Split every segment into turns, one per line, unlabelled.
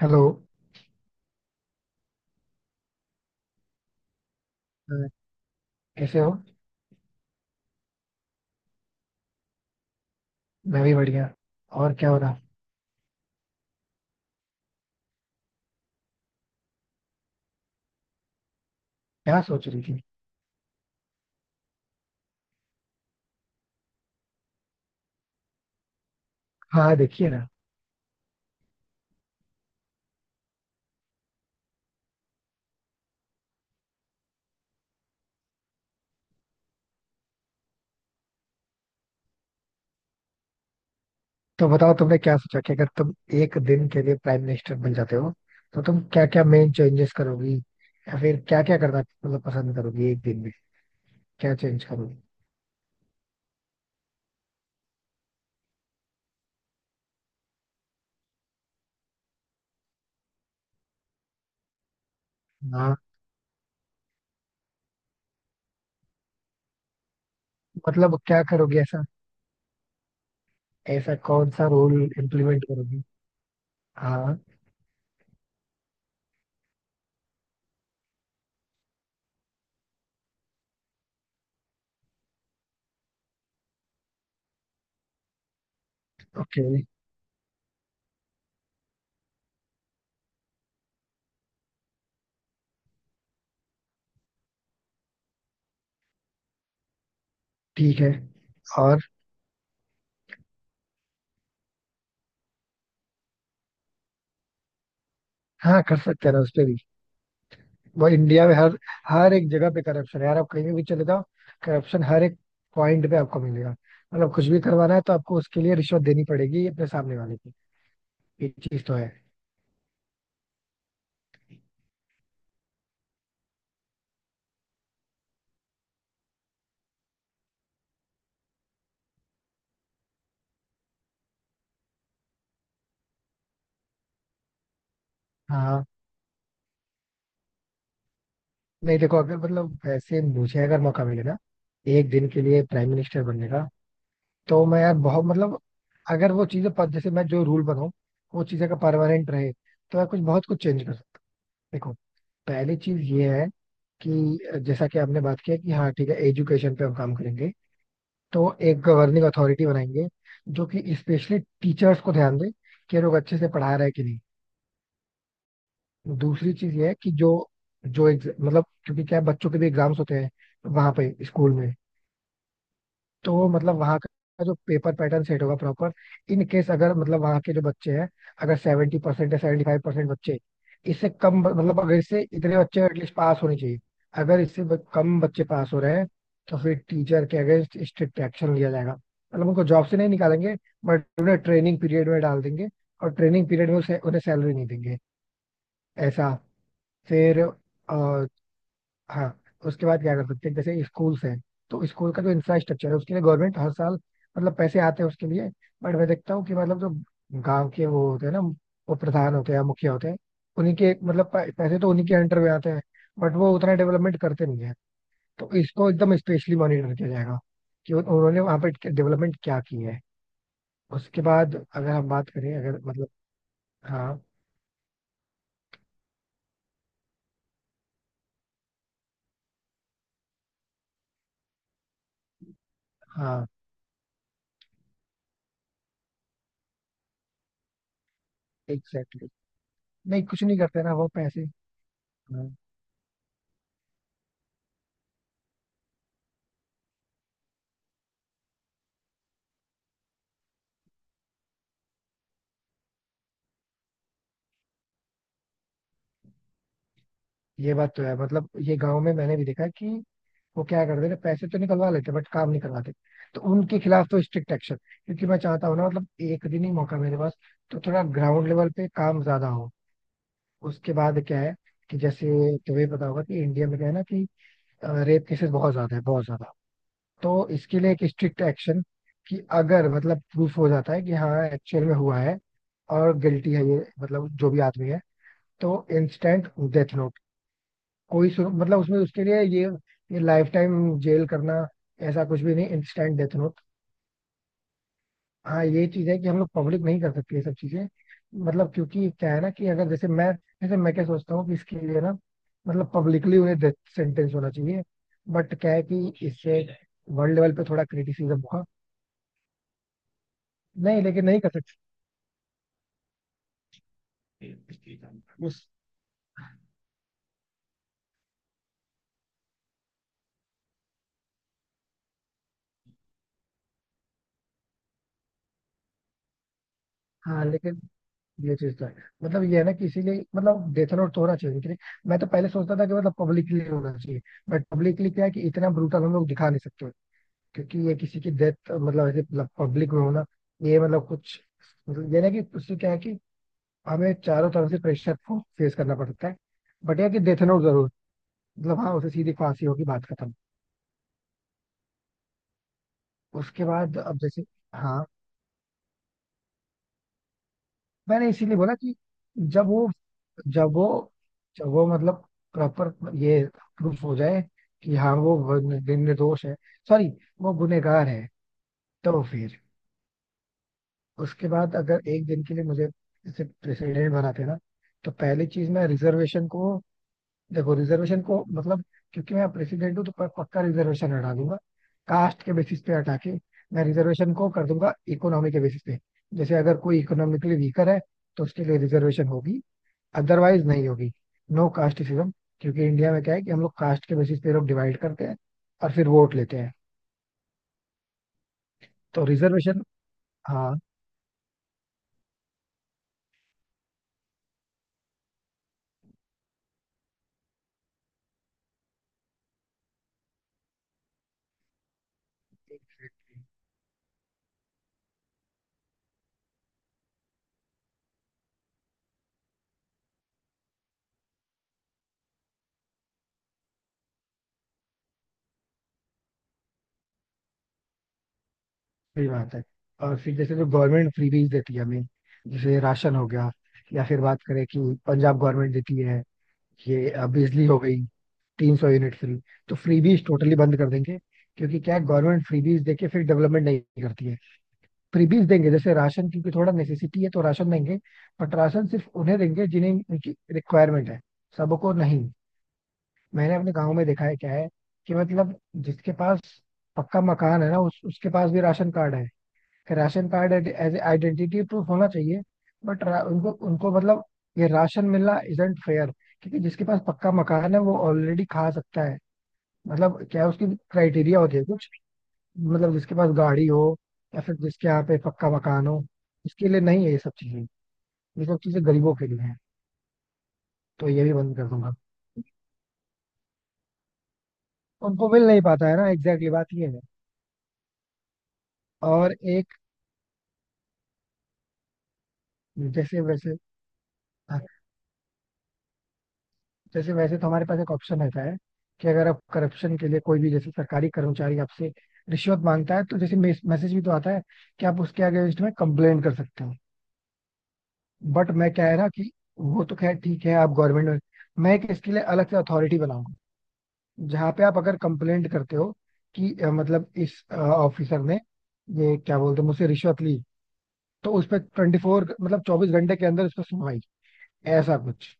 Hello. अ, कैसे हो? मैं भी बढ़िया। और क्या हो रहा? क्या सोच रही थी? हाँ, देखिए ना। तो बताओ, तुमने क्या सोचा कि अगर तुम एक दिन के लिए प्राइम मिनिस्टर बन जाते हो तो तुम क्या क्या मेन चेंजेस करोगी? या फिर क्या क्या करना मतलब पसंद करोगी एक दिन में? क्या चेंज करोगी? हाँ। मतलब क्या करोगी ऐसा? ऐसा कौन सा रूल इम्प्लीमेंट करोगी? हाँ। ओके। ठीक है। और? हाँ, कर सकते हैं ना उस पे भी। वो इंडिया में हर हर एक जगह पे करप्शन है यार, आप कहीं भी चले जाओ, करप्शन हर एक पॉइंट पे आपको मिलेगा। मतलब कुछ भी करवाना है तो आपको उसके लिए रिश्वत देनी पड़ेगी अपने सामने वाले की। ये चीज तो है। हाँ, नहीं देखो, अगर मतलब वैसे मुझे अगर मौका मिले ना एक दिन के लिए प्राइम मिनिस्टर बनने का, तो मैं यार बहुत मतलब अगर वो चीजें पद जैसे मैं जो रूल बनाऊं वो चीजें का परमानेंट रहे तो मैं कुछ बहुत कुछ चेंज कर सकता। देखो। पहली चीज ये है कि जैसा कि आपने बात किया कि हाँ ठीक है, एजुकेशन पे हम काम करेंगे। तो एक गवर्निंग अथॉरिटी बनाएंगे जो कि स्पेशली टीचर्स को ध्यान दे कि ये लोग अच्छे से पढ़ा रहे हैं कि नहीं। दूसरी चीज ये है कि जो जो एग्ज- मतलब क्योंकि क्या है, बच्चों के भी एग्जाम्स होते हैं वहां पे स्कूल में। तो मतलब वहाँ का जो पेपर पैटर्न सेट होगा प्रॉपर। इन केस अगर मतलब वहाँ के जो बच्चे हैं, अगर 70% या 75% बच्चे मतलब अगर इससे इतने बच्चे एटलीस्ट पास होने चाहिए, अगर इससे कम बच्चे पास हो रहे हैं तो फिर टीचर के अगेंस्ट स्ट्रिक्ट एक्शन लिया जाएगा। मतलब उनको जॉब से नहीं निकालेंगे, बट उन्हें ट्रेनिंग पीरियड में डाल देंगे, और ट्रेनिंग पीरियड में उसे उन्हें सैलरी नहीं देंगे, ऐसा। फिर, हाँ। उसके बाद क्या कर सकते हैं? जैसे स्कूल्स हैं, तो स्कूल का जो इंफ्रास्ट्रक्चर है उसके लिए गवर्नमेंट हर साल मतलब पैसे आते हैं उसके लिए। बट मैं देखता हूँ कि मतलब जो गांव के वो होते हैं ना, वो प्रधान होते हैं या मुखिया होते हैं, उन्हीं के मतलब पैसे तो उन्हीं के अंडर में आते हैं, बट वो उतना डेवलपमेंट करते नहीं है। तो इसको एकदम स्पेशली मॉनिटर किया जाएगा कि उन्होंने वहाँ पे डेवलपमेंट क्या की है। उसके बाद अगर हम बात करें, अगर मतलब हाँ। हाँ, एग्जैक्टली। नहीं कुछ नहीं करते ना वो पैसे। हाँ, ये बात तो है, मतलब ये गांव में मैंने भी देखा है कि वो क्या करते ना, पैसे तो निकलवा लेते बट काम नहीं करवाते। तो उनके खिलाफ तो स्ट्रिक्ट एक्शन, क्योंकि मैं चाहता हूँ ना मतलब एक दिन ही मौका मेरे पास, तो थोड़ा ग्राउंड लेवल पे काम ज्यादा हो। उसके बाद क्या है कि जैसे तुम्हें पता होगा कि इंडिया में क्या है ना कि रेप केसेस बहुत ज्यादा है, बहुत ज्यादा। तो इसके लिए एक स्ट्रिक्ट एक्शन कि अगर मतलब प्रूफ हो जाता है कि हाँ एक्चुअल में हुआ है और गिल्टी है ये मतलब जो भी आदमी है, तो इंस्टेंट डेथ। कोई सुन, मतलब उसमें उसके लिए ये, लाइफ टाइम जेल करना ऐसा कुछ भी नहीं, इंस्टेंट डेथ नोट। हाँ, ये चीज है कि हम लोग पब्लिक नहीं कर सकते ये सब चीजें। मतलब क्योंकि क्या है ना कि अगर जैसे मैं क्या सोचता हूँ कि इसके लिए ना मतलब पब्लिकली उन्हें डेथ सेंटेंस होना चाहिए। बट क्या है कि इससे वर्ल्ड लेवल पे थोड़ा क्रिटिसिज्म हुआ, नहीं लेकिन नहीं कर सकते उस। हाँ लेकिन ये चीज तो है, मतलब ये है ना कि इसीलिए मतलब डेथ नोट तो होना चाहिए उनके लिए। मैं तो पहले सोचता था कि मतलब पब्लिकली होना चाहिए, बट पब्लिकली क्या है कि इतना ब्रूटल हम लोग दिखा नहीं सकते, क्योंकि ये किसी की डेथ मतलब ऐसे पब्लिक में होना, ये मतलब कुछ, मतलब ये ना कि उससे क्या है कि हमें चारों तरफ से प्रेशर को फेस करना पड़ता है। बट यह कि डेथ नोट जरूर, मतलब हाँ, उसे सीधी फांसी होगी, बात खत्म। उसके बाद अब जैसे, हाँ मैंने इसीलिए बोला कि जब वो जब वो जब वो मतलब प्रॉपर ये प्रूफ हो जाए कि हाँ वो दिन निर्दोष है, सॉरी, वो गुनहगार है, तो फिर। उसके बाद अगर एक दिन के लिए मुझे जैसे प्रेसिडेंट बनाते ना, तो पहली चीज मैं रिजर्वेशन को, देखो रिजर्वेशन को मतलब, क्योंकि मैं प्रेसिडेंट हूँ तो पक्का रिजर्वेशन हटा दूंगा। कास्ट के बेसिस पे हटा के मैं रिजर्वेशन को कर दूंगा इकोनॉमी के बेसिस पे। जैसे अगर कोई इकोनॉमिकली वीकर है तो उसके लिए रिजर्वेशन होगी, अदरवाइज नहीं होगी। No casteism. क्योंकि इंडिया में क्या है कि हम लोग कास्ट के बेसिस पे लोग डिवाइड करते हैं और फिर वोट लेते हैं। तो रिजर्वेशन। हाँ, exactly. सही बात है। और फिर जैसे जो गवर्नमेंट फ्रीबीज देती है हमें, जैसे राशन हो गया, या फिर बात करें कि पंजाब गवर्नमेंट देती है, ये बिजली हो गई, 300 यूनिट फ्री, तो फ्रीबीज टोटली बंद कर देंगे। क्योंकि क्या है, गवर्नमेंट फ्रीबीज देके फिर डेवलपमेंट नहीं करती है। फ्रीबीज देंगे जैसे राशन, क्योंकि थोड़ा नेसेसिटी है तो राशन देंगे, बट राशन सिर्फ उन्हें देंगे जिन्हें उनकी रिक्वायरमेंट है, सबको नहीं। मैंने अपने गांव में देखा है क्या है कि मतलब जिसके पास पक्का मकान है ना उसके पास भी राशन कार्ड है, कि ration card as identity proof होना चाहिए। बट उनको उनको मतलब ये राशन मिलना इजंट फेयर, क्योंकि जिसके पास पक्का मकान है वो ऑलरेडी खा सकता है। मतलब क्या है, उसकी क्राइटेरिया होती है कुछ, मतलब जिसके पास गाड़ी हो या फिर जिसके यहाँ पे पक्का मकान हो, उसके लिए नहीं है ये सब चीजें। ये सब चीजें गरीबों के लिए है। तो ये भी बंद कर दूंगा। उनको मिल नहीं पाता है ना, एग्जैक्टली बात ये है। और एक, जैसे वैसे, हाँ, जैसे वैसे तो हमारे पास एक ऑप्शन रहता है कि अगर आप करप्शन के लिए कोई भी जैसे सरकारी कर्मचारी आपसे रिश्वत मांगता है, तो जैसे मैसेज भी तो आता है कि आप उसके अगेंस्ट में कंप्लेन कर सकते हो। बट मैं क्या है ना कि वो तो खैर ठीक है, आप गवर्नमेंट में, मैं एक इसके लिए अलग से अथॉरिटी बनाऊंगा जहाँ पे आप अगर कंप्लेंट करते हो कि मतलब इस ऑफिसर ने ये क्या बोलते हैं मुझसे रिश्वत ली, तो उस पर 24 मतलब 24 घंटे के अंदर उस पर सुनवाई, ऐसा कुछ,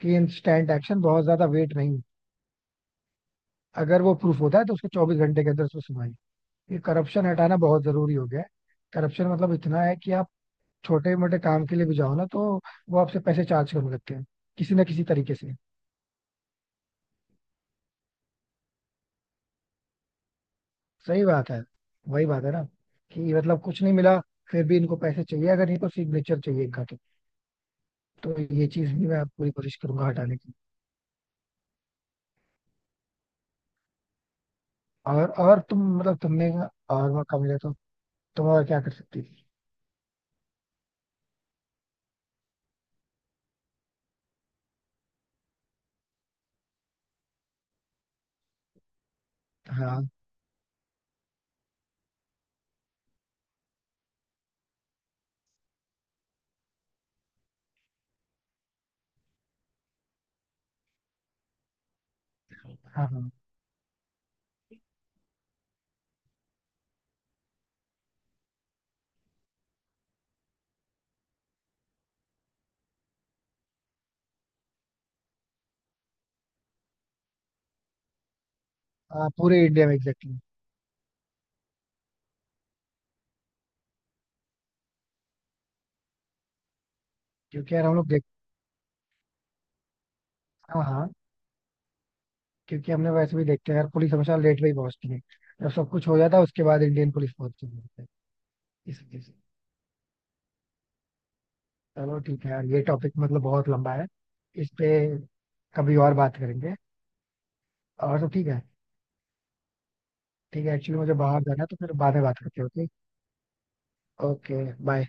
कि इंस्टेंट एक्शन, बहुत ज्यादा वेट नहीं। अगर वो प्रूफ होता है तो उसके 24 घंटे के अंदर उस पर सुनवाई। ये करप्शन हटाना बहुत जरूरी हो गया है। करप्शन मतलब इतना है कि आप छोटे मोटे काम के लिए भी जाओ ना, तो वो आपसे पैसे चार्ज करने लगते हैं, किसी ना किसी तरीके से। सही बात है, वही बात है ना कि मतलब कुछ नहीं मिला, फिर भी इनको पैसे चाहिए अगर नहीं तो सिग्नेचर चाहिए इनका, तो ये चीज भी मैं पूरी कोशिश करूंगा हटाने की। और तुम मतलब तुमने, और मौका मिला तो तुम और क्या कर सकती थी? हाँ। हाँ। हाँ, हाँ पूरे इंडिया में, एग्जैक्टली। क्योंकि यार हम लोग देख, हाँ, हाँ, क्योंकि हमने वैसे भी देखते हैं यार पुलिस हमेशा लेट में ही पहुंचती है। जब सब कुछ हो जाता है उसके बाद इंडियन पुलिस पहुंचती है, इस वजह से। चलो ठीक है यार, ये टॉपिक मतलब बहुत लंबा है, इस पे कभी और बात करेंगे। और तो ठीक है। ठीक है, एक्चुअली मुझे बाहर जाना है तो फिर बाद में बात करते हैं। Okay, okay, bye.